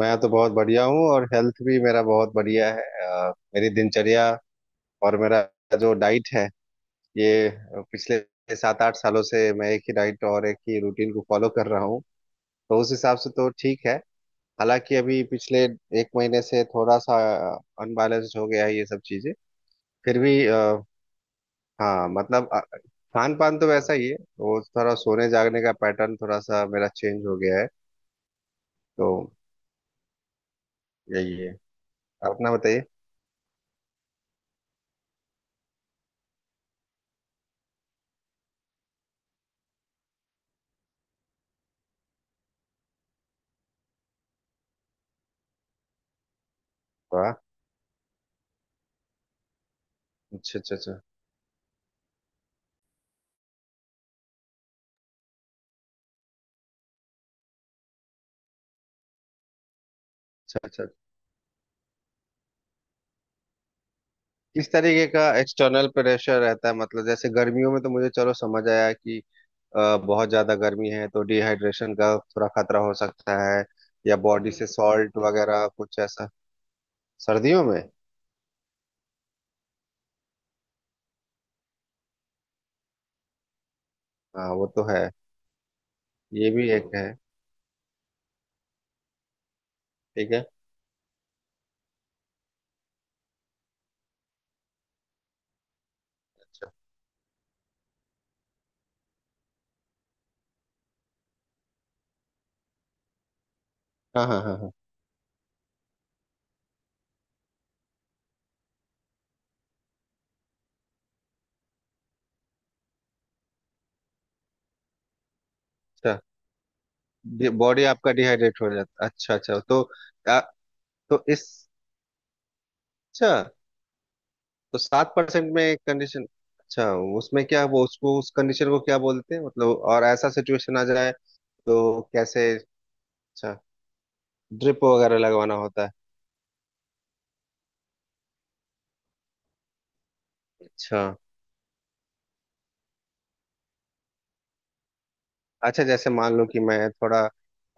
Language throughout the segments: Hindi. मैं तो बहुत बढ़िया हूँ और हेल्थ भी मेरा बहुत बढ़िया है। मेरी दिनचर्या और मेरा जो डाइट है ये पिछले 7 8 सालों से मैं एक ही डाइट और एक ही रूटीन को फॉलो कर रहा हूँ। तो उस हिसाब से तो ठीक है। हालांकि अभी पिछले एक महीने से थोड़ा सा अनबैलेंस्ड हो गया है ये सब चीजें। फिर भी हाँ मतलब खान पान तो वैसा ही है, वो थोड़ा सोने जागने का पैटर्न थोड़ा सा मेरा चेंज हो गया है। तो यही है, अपना बताइए। वाह। अच्छा अच्छा अच्छा। अच्छा, अच्छा। किस तरीके का एक्सटर्नल प्रेशर रहता है? मतलब जैसे गर्मियों में तो मुझे, चलो समझ आया कि बहुत ज्यादा गर्मी है तो डिहाइड्रेशन का थोड़ा खतरा हो सकता है, या बॉडी से सॉल्ट वगैरह कुछ ऐसा। सर्दियों में? हाँ वो तो है। ये भी एक है। ठीक है। अच्छा। हाँ हाँ हाँ हाँ। अच्छा, बॉडी आपका डिहाइड्रेट हो जाता। अच्छा अच्छा। तो आ, तो इस, अच्छा। तो 7% में कंडीशन, अच्छा। उसमें क्या, वो उसको उस कंडीशन को क्या बोलते हैं मतलब? और ऐसा सिचुएशन आ जाए तो कैसे? अच्छा, ड्रिप वगैरह लगवाना होता है? अच्छा। अच्छा जैसे मान लो कि मैं थोड़ा,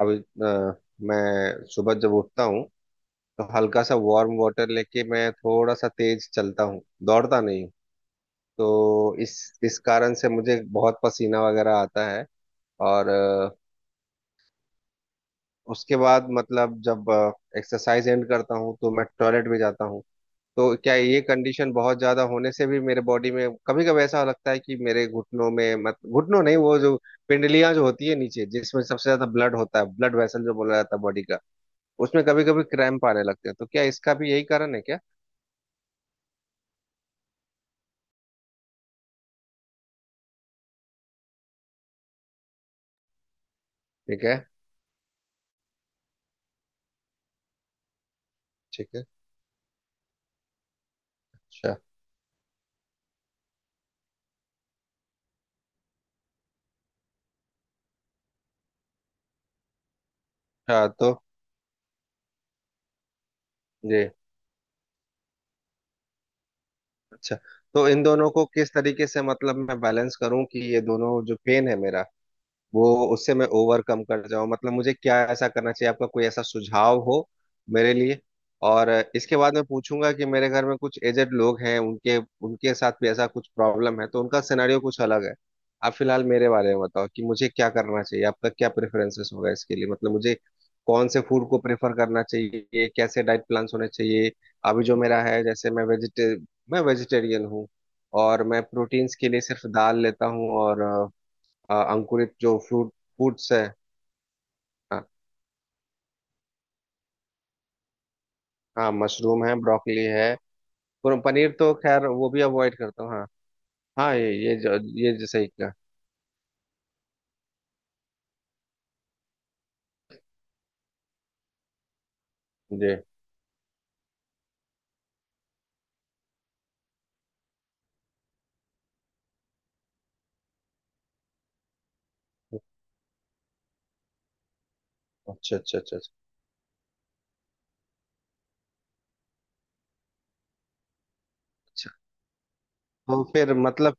अभी मैं सुबह जब उठता हूँ तो हल्का सा वार्म वाटर लेके मैं थोड़ा सा तेज चलता हूँ, दौड़ता नहीं हूँ। तो इस कारण से मुझे बहुत पसीना वगैरह आता है और उसके बाद मतलब जब एक्सरसाइज एंड करता हूँ तो मैं टॉयलेट भी जाता हूँ। तो क्या ये कंडीशन बहुत ज्यादा होने से भी मेरे बॉडी में कभी कभी ऐसा लगता है कि मेरे घुटनों में, मत घुटनों नहीं वो जो पिंडलियां जो होती है नीचे जिसमें सबसे ज्यादा ब्लड होता है, ब्लड वेसल जो बोला जाता है बॉडी का, उसमें कभी कभी क्रैम्प आने लगते हैं, तो क्या इसका भी यही कारण है क्या? ठीक है। ठीक है। अच्छा। हाँ तो ये, अच्छा। तो इन दोनों को किस तरीके से मतलब मैं बैलेंस करूं कि ये दोनों जो पेन है मेरा, वो, उससे मैं ओवरकम कर जाऊं। मतलब मुझे क्या ऐसा करना चाहिए, आपका कोई ऐसा सुझाव हो मेरे लिए? और इसके बाद मैं पूछूंगा कि मेरे घर में कुछ एजेड लोग हैं, उनके उनके साथ भी ऐसा कुछ प्रॉब्लम है, तो उनका सिनेरियो कुछ अलग है। आप फिलहाल मेरे बारे में बताओ कि मुझे क्या करना चाहिए, आपका क्या प्रेफरेंसेस होगा इसके लिए मतलब। मुझे कौन से फूड को प्रेफर करना चाहिए, कैसे डाइट प्लान्स होने चाहिए? अभी जो मेरा है, जैसे मैं वेजिटेरियन हूँ और मैं प्रोटीन्स के लिए सिर्फ दाल लेता हूँ और अंकुरित जो फ्रूट, फ्रूट्स है। हाँ हाँ, मशरूम है, ब्रोकली है। पर पनीर तो खैर वो भी अवॉइड करता हूँ हाँ। हाँ ये ये जो सही कहा। जी। अच्छा अच्छा अच्छा अच्छा। अच्छा। तो फिर मतलब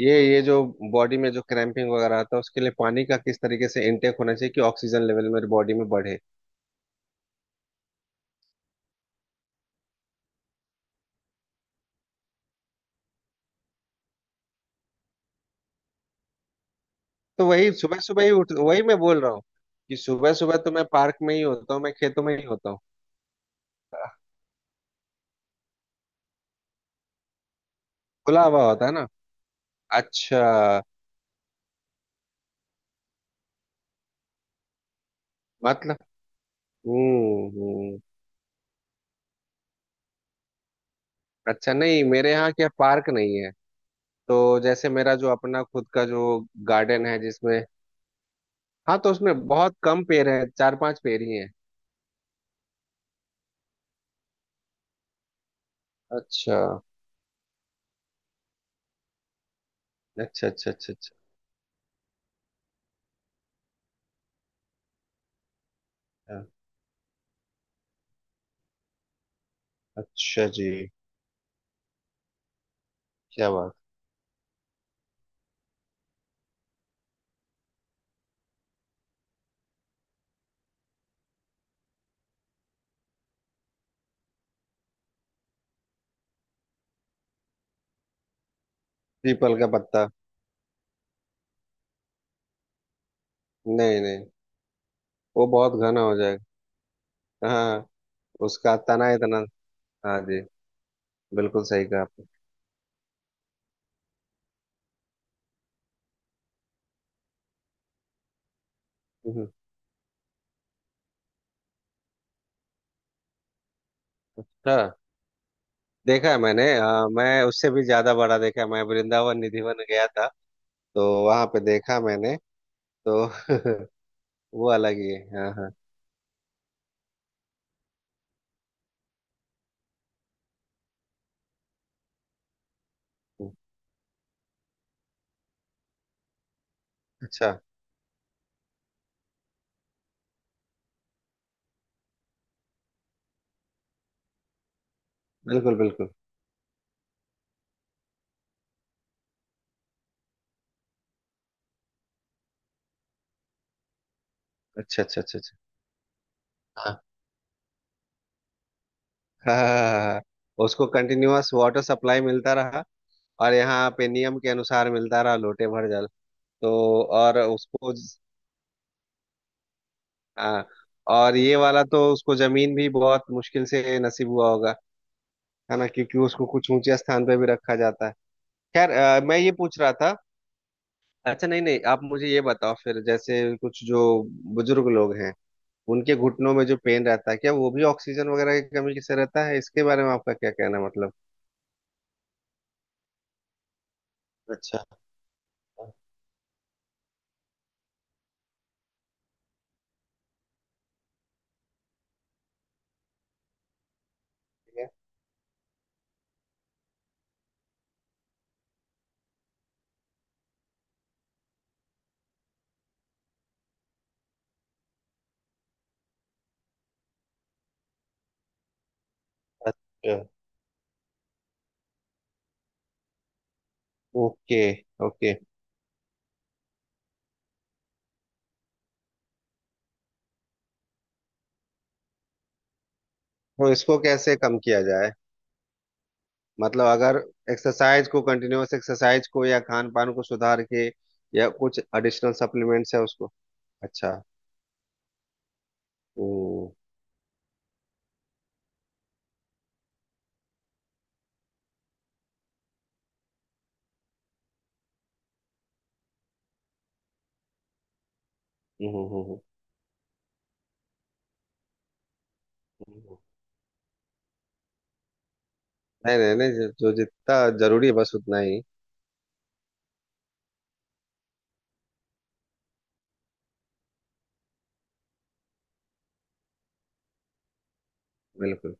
ये जो बॉडी में जो क्रैम्पिंग वगैरह आता है उसके लिए पानी का किस तरीके से इनटेक होना चाहिए कि ऑक्सीजन लेवल मेरे बॉडी में बढ़े? तो वही सुबह सुबह ही उठ, वही मैं बोल रहा हूँ कि सुबह सुबह तो मैं पार्क में ही होता हूँ, मैं खेतों में ही होता हूँ। खुला हवा होता है ना। अच्छा, मतलब। हम्म। अच्छा, नहीं मेरे यहाँ क्या पार्क नहीं है, तो जैसे मेरा जो अपना खुद का जो गार्डन है जिसमें, हाँ, तो उसमें बहुत कम पेड़ हैं, 4 5 पेड़ ही हैं। अच्छा अच्छा अच्छा अच्छा। अच्छा। अच्छा जी, क्या बात। पीपल का पत्ता। नहीं नहीं, वो बहुत घना हो जाएगा। हाँ, उसका तना इतना। हाँ जी, बिल्कुल सही कहा आपने। हम्म। हाँ, देखा है मैंने, हाँ, मैं उससे भी ज्यादा बड़ा देखा है, मैं वृंदावन निधिवन गया था, तो वहां पे देखा मैंने। तो वो अलग ही है, हाँ हाँ। अच्छा। बिल्कुल बिल्कुल। अच्छा अच्छा अच्छा अच्छा। हाँ। हाँ हाँ, हाँ, हाँ। उसको कंटिन्यूअस वाटर सप्लाई मिलता रहा, और यहाँ पे नियम के अनुसार मिलता रहा लोटे भर जल। तो और उसको, हाँ, और ये वाला तो उसको जमीन भी बहुत मुश्किल से नसीब हुआ होगा, है ना, क्योंकि उसको कुछ ऊंचे स्थान पे भी रखा जाता है। खैर मैं ये पूछ रहा था। अच्छा, नहीं नहीं, आप मुझे ये बताओ फिर, जैसे कुछ जो बुजुर्ग लोग हैं, उनके घुटनों में जो पेन रहता है क्या वो भी ऑक्सीजन वगैरह की कमी से रहता है? इसके बारे में आपका क्या कहना है? मतलब। अच्छा। ठीक है। अच्छा। ओके। ओके, तो इसको कैसे कम किया जाए? मतलब अगर एक्सरसाइज को कंटिन्यूअस एक्सरसाइज को या खान पान को सुधार के, या कुछ एडिशनल सप्लीमेंट्स है उसको। अच्छा। हम्म हम्म, हम्म। हम्म। नहीं नहीं नहीं, जो जो जितना जरूरी है बस उतना ही। बिल्कुल।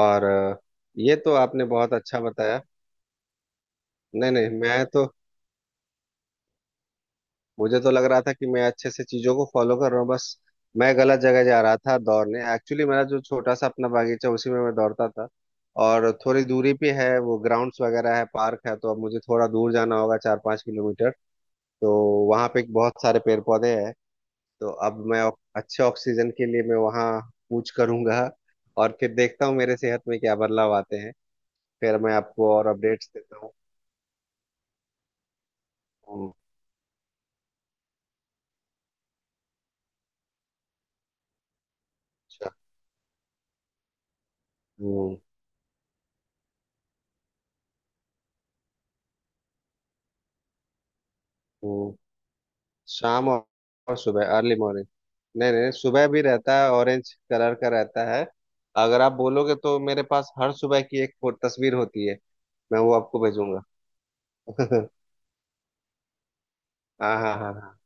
और ये तो आपने बहुत अच्छा बताया। नहीं नहीं, मैं तो, मुझे तो लग रहा था कि मैं अच्छे से चीजों को फॉलो कर रहा हूँ, बस मैं गलत जगह जा रहा था दौड़ने। एक्चुअली मेरा जो छोटा सा अपना बागीचा उसी में मैं दौड़ता था, और थोड़ी दूरी पे है वो ग्राउंड्स वगैरह है, पार्क है, तो अब मुझे थोड़ा दूर जाना होगा, 4 5 किलोमीटर। तो वहाँ पे बहुत सारे पेड़ पौधे हैं, तो अब मैं अच्छे ऑक्सीजन के लिए मैं वहाँ कूच करूंगा, और फिर देखता हूँ मेरे सेहत में क्या बदलाव आते हैं, फिर मैं आपको और अपडेट्स देता हूँ। हम्म, अच्छा। हम्म हम्म। शाम और सुबह अर्ली मॉर्निंग। नहीं नहीं, सुबह भी रहता है ऑरेंज कलर का रहता है, अगर आप बोलोगे तो मेरे पास हर सुबह की एक तस्वीर होती है, मैं वो आपको भेजूंगा। हाँ हाँ हाँ हाँ।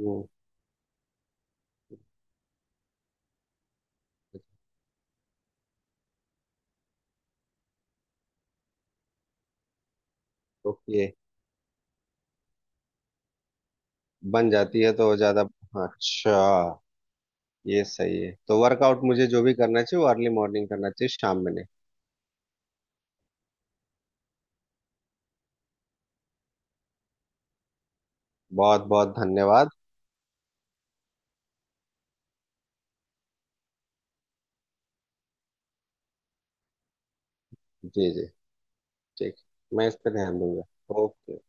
हम्म, ओके। बन जाती है तो ज्यादा, अच्छा। ये सही है, तो वर्कआउट मुझे जो भी करना चाहिए वो अर्ली मॉर्निंग करना चाहिए शाम में नहीं? बहुत बहुत धन्यवाद। जी जी। ठीक। मैं इस पर ध्यान दूंगा। ओके।